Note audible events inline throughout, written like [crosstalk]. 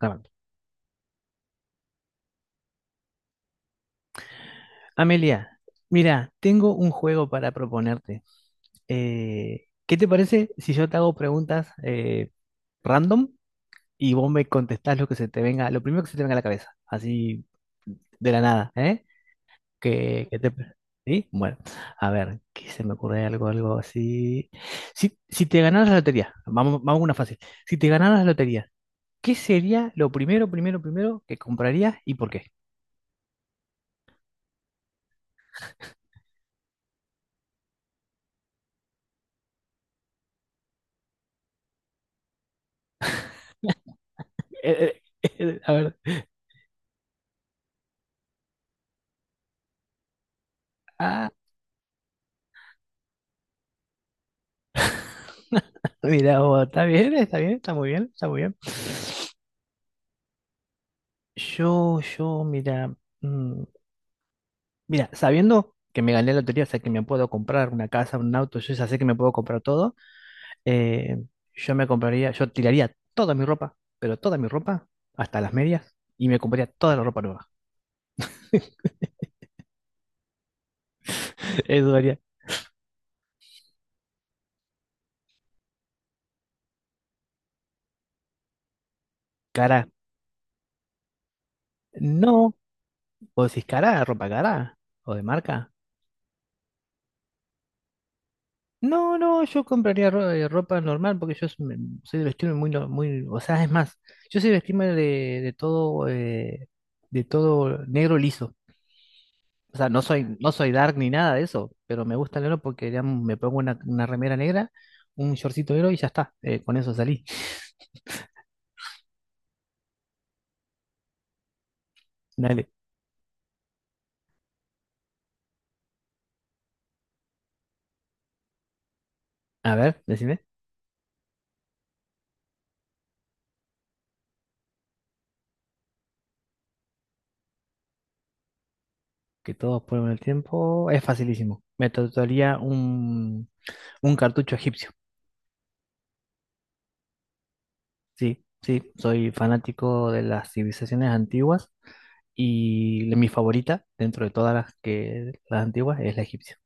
Grabando. Amelia, mira, tengo un juego para proponerte. ¿Qué te parece si yo te hago preguntas random y vos me contestás lo que se te venga, lo primero que se te venga a la cabeza, así de la nada, ¿eh? Que te... ¿Sí? Bueno, a ver, ¿qué se me ocurre algo así. Si te ganaras la lotería, vamos, vamos a una fácil. Si te ganaras la lotería, ¿qué sería lo primero, primero, primero que comprarías y por qué? [laughs] A ver. Ah, mira, oh, está bien, está bien, está muy bien, está muy bien. Yo, mira, mm, mira, sabiendo que me gané la lotería, o sea, que me puedo comprar una casa, un auto, yo ya sé que me puedo comprar todo, eh, yo me compraría, yo tiraría toda mi ropa, pero toda mi ropa, hasta las medias, y me compraría toda la ropa nueva. [laughs] Eso haría. Cara, no, o decís cara, ropa cara, o de marca. No, no, yo compraría ropa normal porque soy de vestirme muy, no- muy, o sea, es más, yo soy de vestirme de todo negro liso. O sea, no soy, no soy dark ni nada de eso, pero me gusta el negro porque digamos, me pongo una remera negra, un shortcito negro y ya está. Con eso salí. [laughs] Dale. A ver, decime, que todos ponen el tiempo. Es facilísimo. Me tatuaría un cartucho egipcio. Sí, sí, soy fanático de las civilizaciones antiguas y mi favorita dentro de todas las que las antiguas es la egipcia.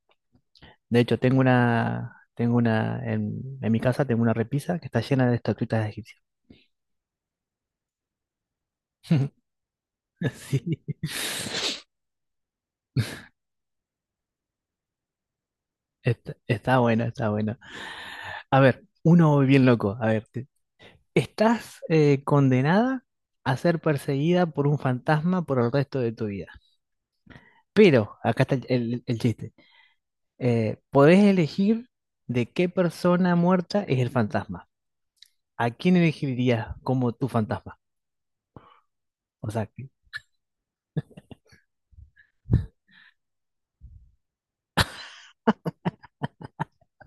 De hecho, tengo una en mi casa tengo una repisa que está llena de estatuitas egipcias. [laughs] Sí, está, está bueno, está bueno. A ver, uno bien loco. A ver, estás condenada a ser perseguida por un fantasma por el resto de tu vida. Pero, acá está el chiste. Podés elegir de qué persona muerta es el fantasma. ¿A quién elegirías como tu fantasma? O sea, que...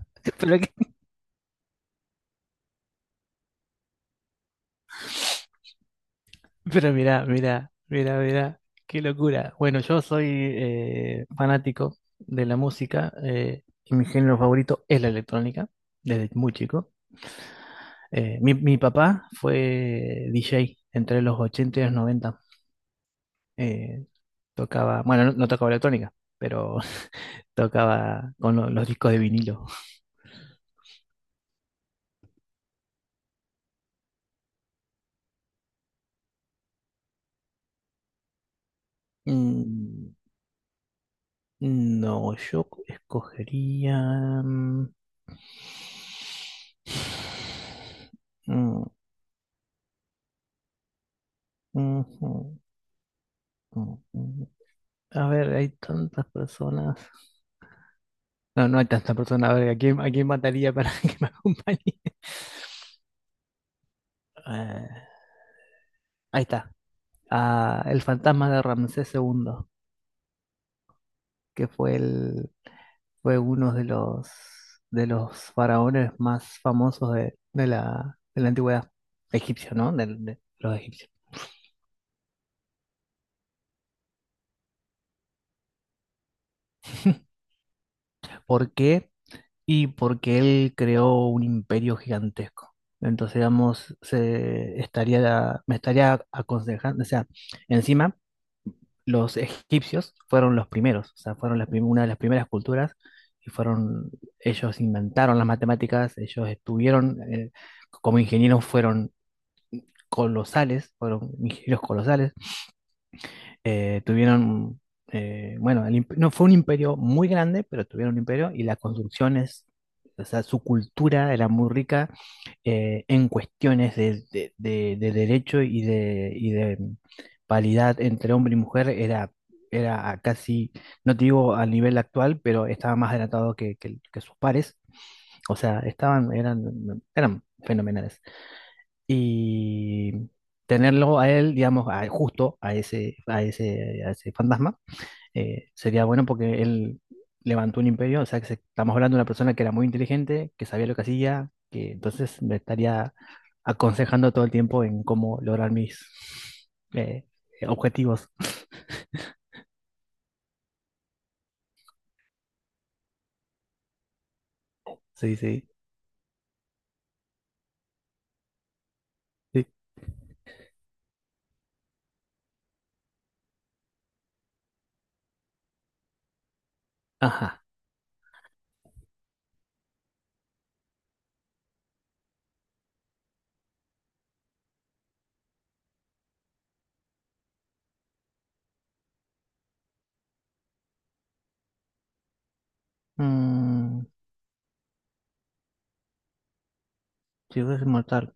[laughs] pero, que... pero mira, mira, mira, mira, qué locura. Bueno, yo soy fanático de la música y mi género favorito es la electrónica, desde muy chico. Mi papá fue DJ entre los 80 y los 90. Eh, Tocaba, bueno, no tocaba electrónica, pero [laughs] tocaba con los discos de vinilo. Mm, no, escogería... mm, [sighs] mm, ujú, mm, mm. A ver, hay tantas personas. No, no hay tantas personas. A ver, a quién mataría para [laughs] que me acompañe? Eh, ahí está. Ah, el fantasma de Ramsés segundo, que fue el, fue uno de los faraones más famosos de la antigüedad egipcia, ¿no? De, los egipcios. [laughs] ¿Por qué? Y porque él creó un imperio gigantesco. Entonces, digamos, me estaría aconsejando, o sea, encima los egipcios fueron los primeros, o sea, fueron una de las primeras culturas y fueron, ellos inventaron las matemáticas, ellos estuvieron, como ingenieros fueron colosales, fueron ingenieros colosales tuvieron, bueno, no fue un imperio muy grande, pero tuvieron un imperio y las construcciones, o sea, su cultura era muy rica en cuestiones de, de derecho y de paridad entre hombre y mujer, era, era a casi, no te digo al nivel actual, pero estaba más adelantado que, que sus pares. O sea, estaban, eran, eran fenomenales y tenerlo a él, digamos, justo a ese, a ese, a ese fantasma, sería bueno porque él levantó un imperio, o sea, estamos hablando de una persona que era muy inteligente, que sabía lo que hacía, que entonces me estaría aconsejando todo el tiempo en cómo lograr mis eh, objetivos. Sí, sí, sí. Ajá. Mm, si fuese inmortal.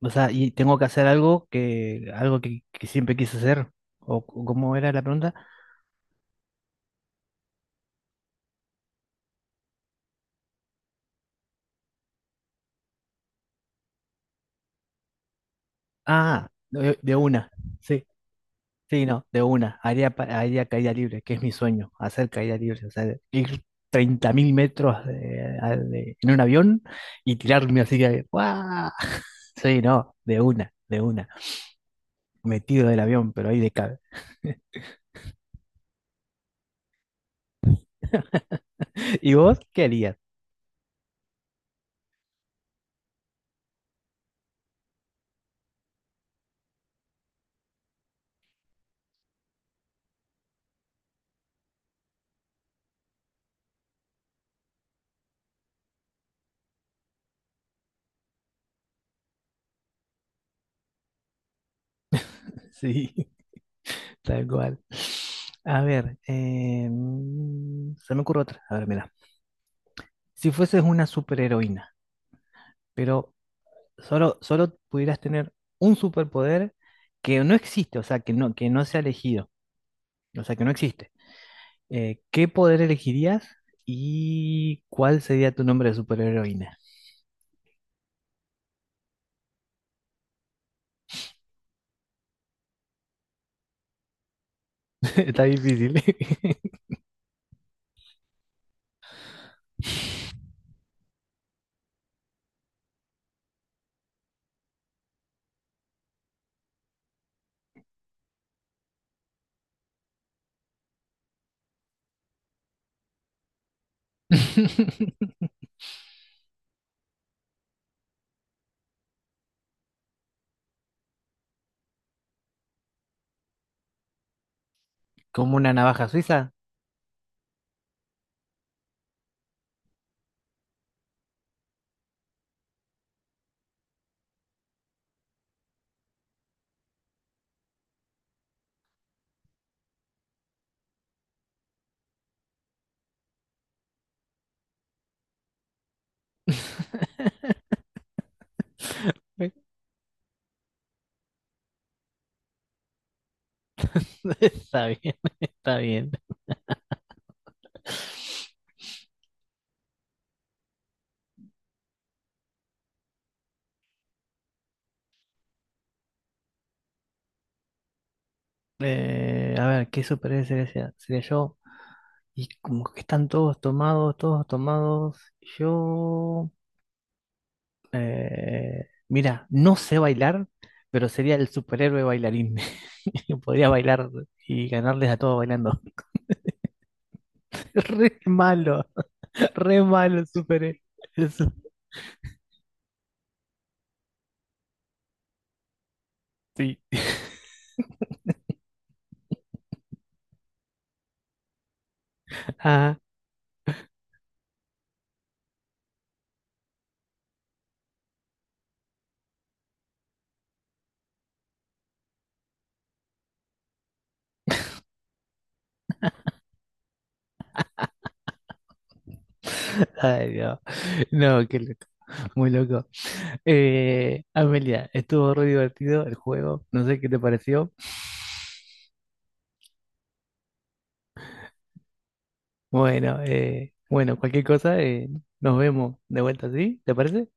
O sea, y tengo que hacer algo que, que siempre quise hacer. O cómo era la pregunta? Ah, de una. Sí, sí, no, de una. Haría, haría caída libre, que es mi sueño, hacer caída libre. O sea, ir 30.000 metros en un avión y tirarme así que. ¡Guau! [laughs] Sí, no, de una, de una. Metido del avión, pero ahí de cabe. [laughs] ¿Y vos qué harías? Sí, [laughs] tal cual. A ver, se me ocurre otra. A ver, mira. Si fueses una superheroína, pero solo pudieras tener un superpoder que no existe, o sea, que no se ha elegido, o sea, que no existe. ¿Qué poder elegirías y cuál sería tu nombre de superheroína? [laughs] Está difícil. [laughs] ¿Como una navaja suiza? [laughs] Está bien, [laughs] está bien. A ver, ¿qué superhéroe sería yo? Y como que están todos tomados, todos tomados. Yo mira, no sé bailar, pero sería el superhéroe bailarín. [laughs] Podría bailar y ganarles a todos bailando. [laughs] Re malo, re malo el superhéroe. [laughs] Eso sí. Ah, ay, no. No, qué loco. Muy loco. Amelia, estuvo re divertido el juego. No sé qué te pareció. Bueno, bueno, cualquier cosa, nos vemos de vuelta, ¿sí? ¿Te parece?